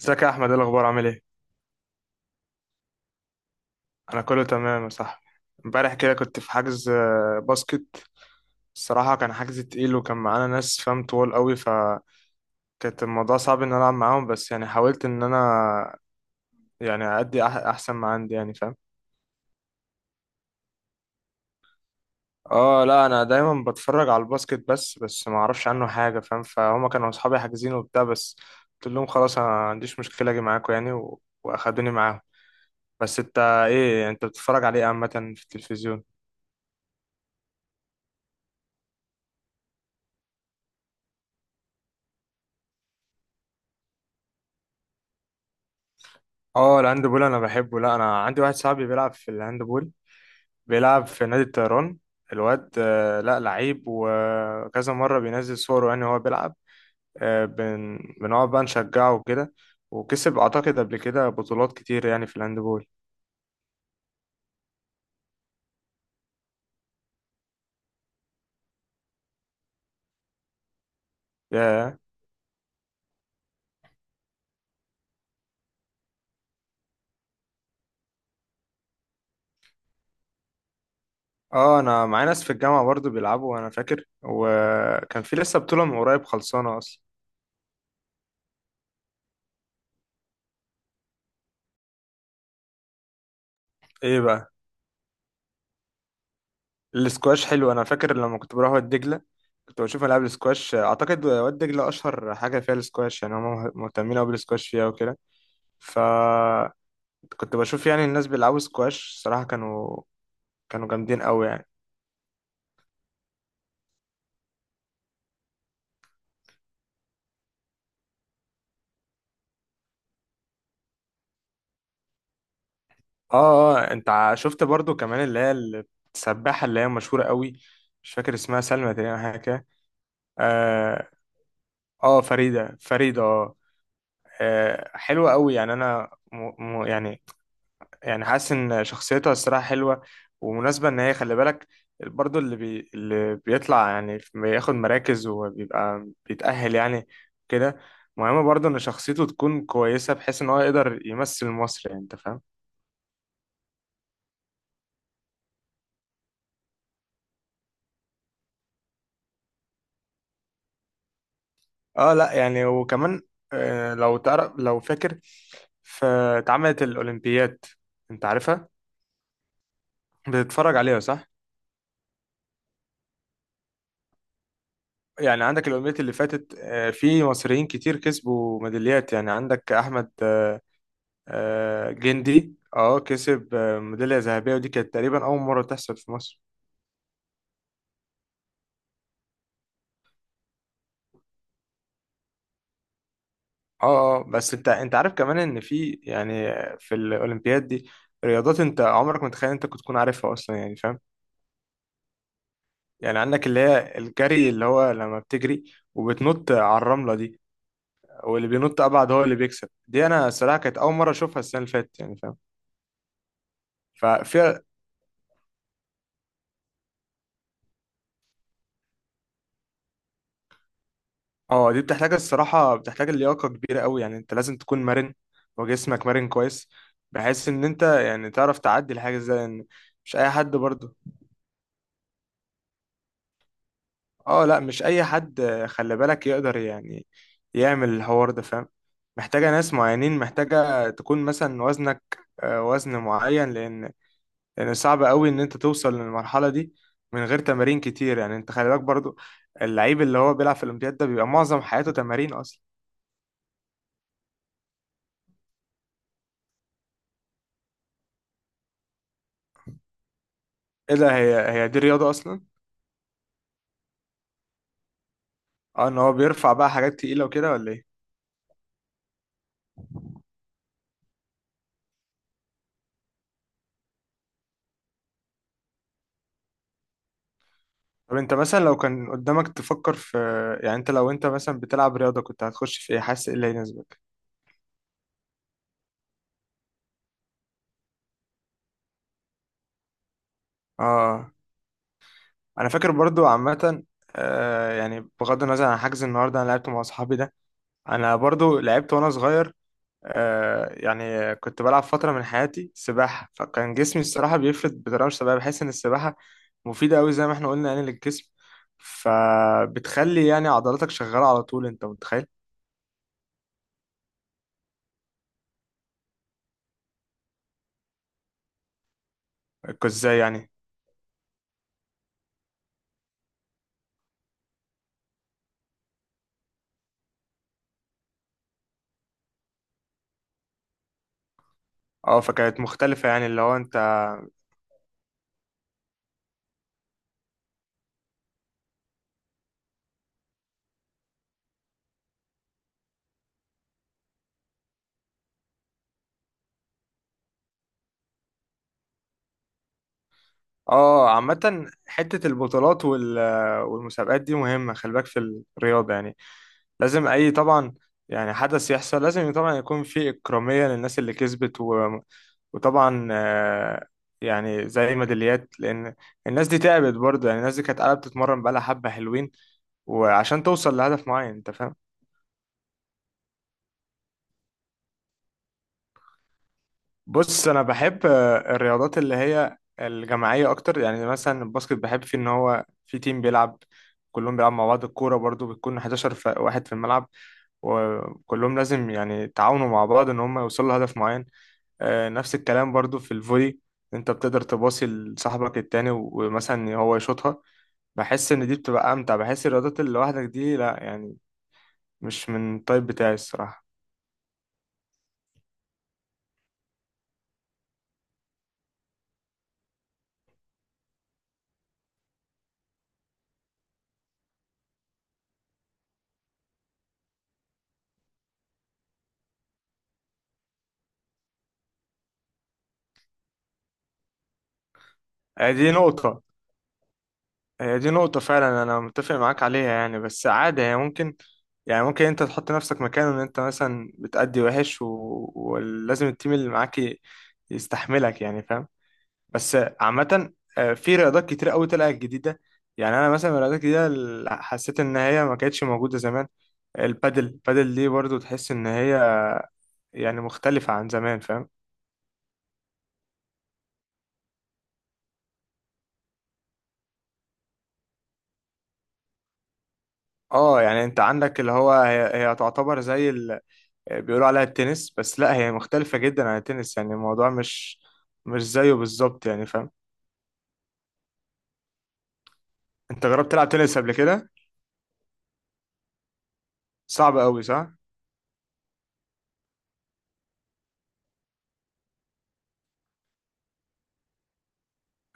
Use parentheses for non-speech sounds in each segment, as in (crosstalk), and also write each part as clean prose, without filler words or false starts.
ازيك يا احمد، ايه الاخبار؟ عامل ايه؟ انا كله تمام يا صاحبي. امبارح كده كنت في حجز باسكت. الصراحه كان حجز تقيل وكان معانا ناس فاهم طوال قوي، فكانت الموضوع صعب ان انا العب معاهم، بس يعني حاولت ان انا يعني ادي احسن ما عندي، يعني فاهم. اه لا، انا دايما بتفرج على الباسكت، بس ما اعرفش عنه حاجه، فاهم فهم. كانوا اصحابي حاجزين وبتاع، بس قلت لهم خلاص انا ما عنديش مشكله اجي معاكم يعني واخدوني معاهم. بس انت؟ ايه انت بتتفرج عليه عامه في التلفزيون؟ اه الهاندبول انا بحبه. لا انا عندي واحد صاحبي بيلعب في الهاندبول، بيلعب في نادي الطيران. الواد لا لعيب، وكذا مرة بينزل صوره يعني وهو بيلعب. بنقعد بقى نشجعه وكده، وكسب اعتقد قبل كده بطولات كتير يعني في الهاندبول. ياه. اه انا معايا ناس في الجامعة برضو بيلعبوا، انا فاكر وكان في لسه بطولة من قريب خلصانة اصلا. ايه بقى؟ السكواش حلو، انا فاكر لما كنت بروح واد دجله كنت بشوف العاب السكواش. اعتقد واد دجله اشهر حاجه فيها السكواش، يعني هم مهتمين قوي بالسكواش فيها وكده. فكنت بشوف يعني الناس بيلعبوا سكواش، صراحه كانوا جامدين قوي يعني. اه اه، انت شفت برضو كمان اللي هي السباحه، اللي هي مشهوره قوي. مش فاكر اسمها، سلمى تقريبا، حاجه كده. اه. فريده فريده، اه. حلوه قوي يعني. انا م... يعني يعني حاسس ان شخصيتها الصراحه حلوه ومناسبه. ان هي خلي بالك برضو اللي بيطلع يعني بياخد مراكز وبيبقى بيتأهل يعني كده. مهم برضو ان شخصيته تكون كويسه بحيث ان هو يقدر يمثل مصر، يعني انت فاهم. اه لا يعني، وكمان لو تعرف لو فاكر، فاتعملت الاولمبياد، انت عارفها؟ بتتفرج عليها، صح؟ يعني عندك الأولمبيات اللي فاتت في مصريين كتير كسبوا ميداليات. يعني عندك أحمد جندي كسب ميدالية ذهبية، ودي كانت تقريبا أول مرة تحصل في مصر. اه اه، بس انت عارف كمان ان في يعني في الأولمبياد دي رياضات انت عمرك ما تخيل انت كنت تكون عارفها اصلا، يعني فاهم. يعني عندك اللي هي الجري، اللي هو لما بتجري وبتنط على الرملة دي، واللي بينط ابعد هو اللي بيكسب. دي انا الصراحة كانت أول مرة اشوفها السنة اللي فاتت، يعني فاهم. ففي اه دي بتحتاج الصراحة، بتحتاج اللياقة كبيرة قوي، يعني انت لازم تكون مرن وجسمك مرن كويس بحيث ان انت يعني تعرف تعدي الحاجة زي ان مش اي حد برضه. اه لا، مش اي حد خلي بالك يقدر يعني يعمل الحوار ده، فاهم. محتاجة ناس معينين، محتاجة تكون مثلا وزنك وزن معين، لان صعب قوي ان انت توصل للمرحلة دي من غير تمارين كتير، يعني انت خلي بالك برضه اللعيب اللي هو بيلعب في الاولمبياد ده بيبقى معظم حياته تمارين اصلا. ايه ده؟ هي دي رياضة اصلا؟ اه، ان هو بيرفع بقى حاجات تقيلة وكده ولا ايه؟ طب انت مثلا لو كان قدامك تفكر في، يعني لو انت مثلا بتلعب رياضة كنت هتخش في ايه؟ حاسس ايه اللي هيناسبك؟ اه انا فاكر برضو عامة. يعني بغض النظر عن حجز النهاردة انا لعبت مع اصحابي ده، انا برضو لعبت وانا صغير. يعني كنت بلعب فترة من حياتي سباحة، فكان جسمي الصراحة بيفرد بطريقة مش طبيعية. بحس ان السباحة مفيدة قوي زي ما احنا قلنا يعني للجسم، فبتخلي يعني عضلاتك شغالة على طول. انت متخيل؟ ازاي يعني؟ اه، فكانت مختلفة يعني اللي هو انت. اه عامة حتة البطولات والمسابقات دي مهمة، خلي بالك في الرياضة يعني لازم أي طبعا. يعني حدث يحصل لازم طبعا يكون في إكرامية للناس اللي كسبت وطبعا يعني زي ميداليات، لأن الناس دي تعبت برضه. يعني الناس دي كانت قاعدة بتتمرن بقالها حبة حلوين، وعشان توصل لهدف معين أنت فاهم. بص انا بحب الرياضات اللي هي الجماعيه اكتر. يعني مثلا الباسكت بحب فيه ان هو في تيم بيلعب، كلهم بيلعب مع بعض. الكوره برضو بتكون 11 واحد في الملعب، وكلهم لازم يعني يتعاونوا مع بعض ان هم يوصلوا لهدف معين. نفس الكلام برضو في الفولي، انت بتقدر تباصي لصاحبك التاني ومثلا هو يشوطها. بحس ان دي بتبقى امتع. بحس الرياضات اللي لوحدك دي لا يعني، مش من الطيب بتاعي الصراحه. دي نقطه، هي دي نقطة فعلا، أنا متفق معاك عليها يعني. بس عادي، هي ممكن، يعني ممكن أنت تحط نفسك مكانه إن أنت مثلا بتأدي وحش ولازم التيم اللي معاك يستحملك، يعني فاهم. بس عامة في رياضات كتير أوي طلعت جديدة. يعني أنا مثلا من الرياضات الجديدة اللي حسيت إن هي ما كانتش موجودة زمان، البادل دي برضو تحس إن هي يعني مختلفة عن زمان، فاهم. اه يعني انت عندك اللي هو هي تعتبر زي، بيقولوا عليها التنس، بس لا هي مختلفة جدا عن التنس، يعني الموضوع مش زيه بالظبط، يعني فاهم. انت جربت تلعب تنس قبل كده؟ صعب قوي، صح؟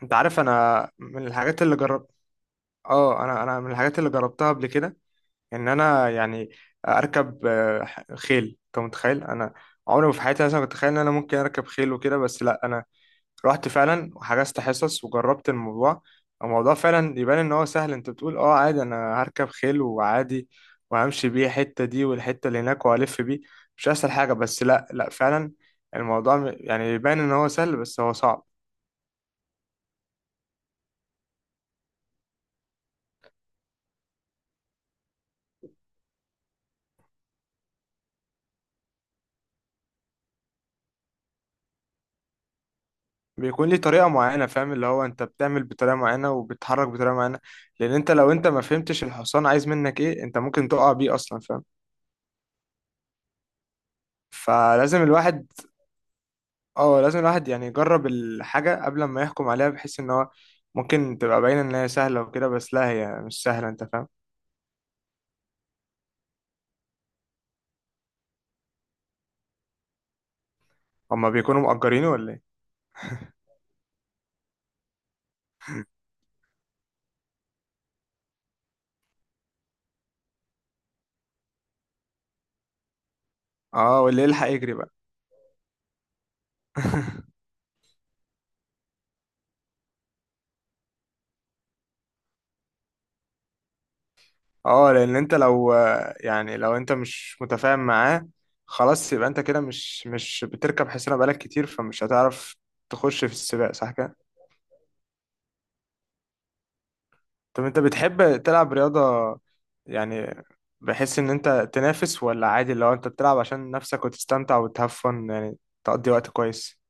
انت عارف انا من الحاجات اللي جربت، اه انا من الحاجات اللي جربتها قبل كده ان انا يعني اركب خيل. انت متخيل؟ انا عمري ما في حياتي مثلا كنت اتخيل ان انا ممكن اركب خيل وكده، بس لا انا رحت فعلا وحجزت حصص وجربت الموضوع. الموضوع فعلا يبان ان هو سهل، انت بتقول اه عادي انا هركب خيل وعادي وهمشي بيه الحتة دي والحتة اللي هناك وهلف بيه، مش اسهل حاجة. بس لا لا، فعلا الموضوع يعني يبان ان هو سهل بس هو صعب. بيكون ليه طريقة معينة، فاهم. اللي هو انت بتعمل بطريقة معينة وبتتحرك بطريقة معينة، لان لو انت ما فهمتش الحصان عايز منك ايه، انت ممكن تقع بيه اصلا، فاهم. فلازم الواحد اه لازم الواحد يعني يجرب الحاجة قبل ما يحكم عليها، بحيث ان هو ممكن تبقى باينة ان هي سهلة وكده، بس لا هي مش سهلة، انت فاهم. هما بيكونوا مأجرينه ولا ايه؟ اه، واللي يلحق يجري بقى. (laughs) اه، لان انت لو يعني لو انت مش متفاهم معاه، خلاص يبقى انت كده مش بتركب حصانة بقالك كتير، فمش هتعرف تخش في السباق، صح كده. طب انت بتحب تلعب رياضة يعني، بحس ان انت تنافس ولا عادي لو انت بتلعب عشان نفسك وتستمتع وتهفن، يعني تقضي وقت كويس.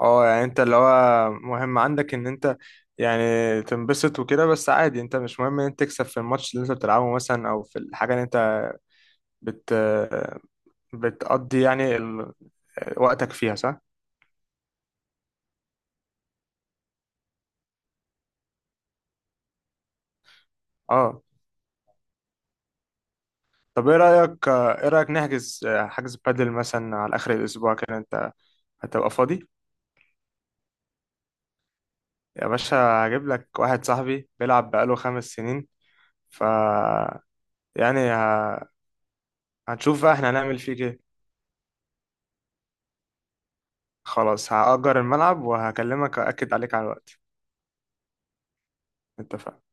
اه يعني انت اللي هو مهم عندك ان انت يعني تنبسط وكده، بس عادي انت مش مهم ان انت تكسب في الماتش اللي انت بتلعبه مثلا، او في الحاجة اللي انت بت بتقضي يعني وقتك فيها، صح؟ اه، طب ايه رأيك نحجز حجز بادل مثلا على اخر الاسبوع كده؟ انت هتبقى فاضي؟ يا باشا، هجيب لك واحد صاحبي بيلعب بقاله 5 سنين، ف يعني ه... هنشوف بقى احنا هنعمل فيه ايه. خلاص، هأجر الملعب وهكلمك وأكد عليك على الوقت. اتفقنا.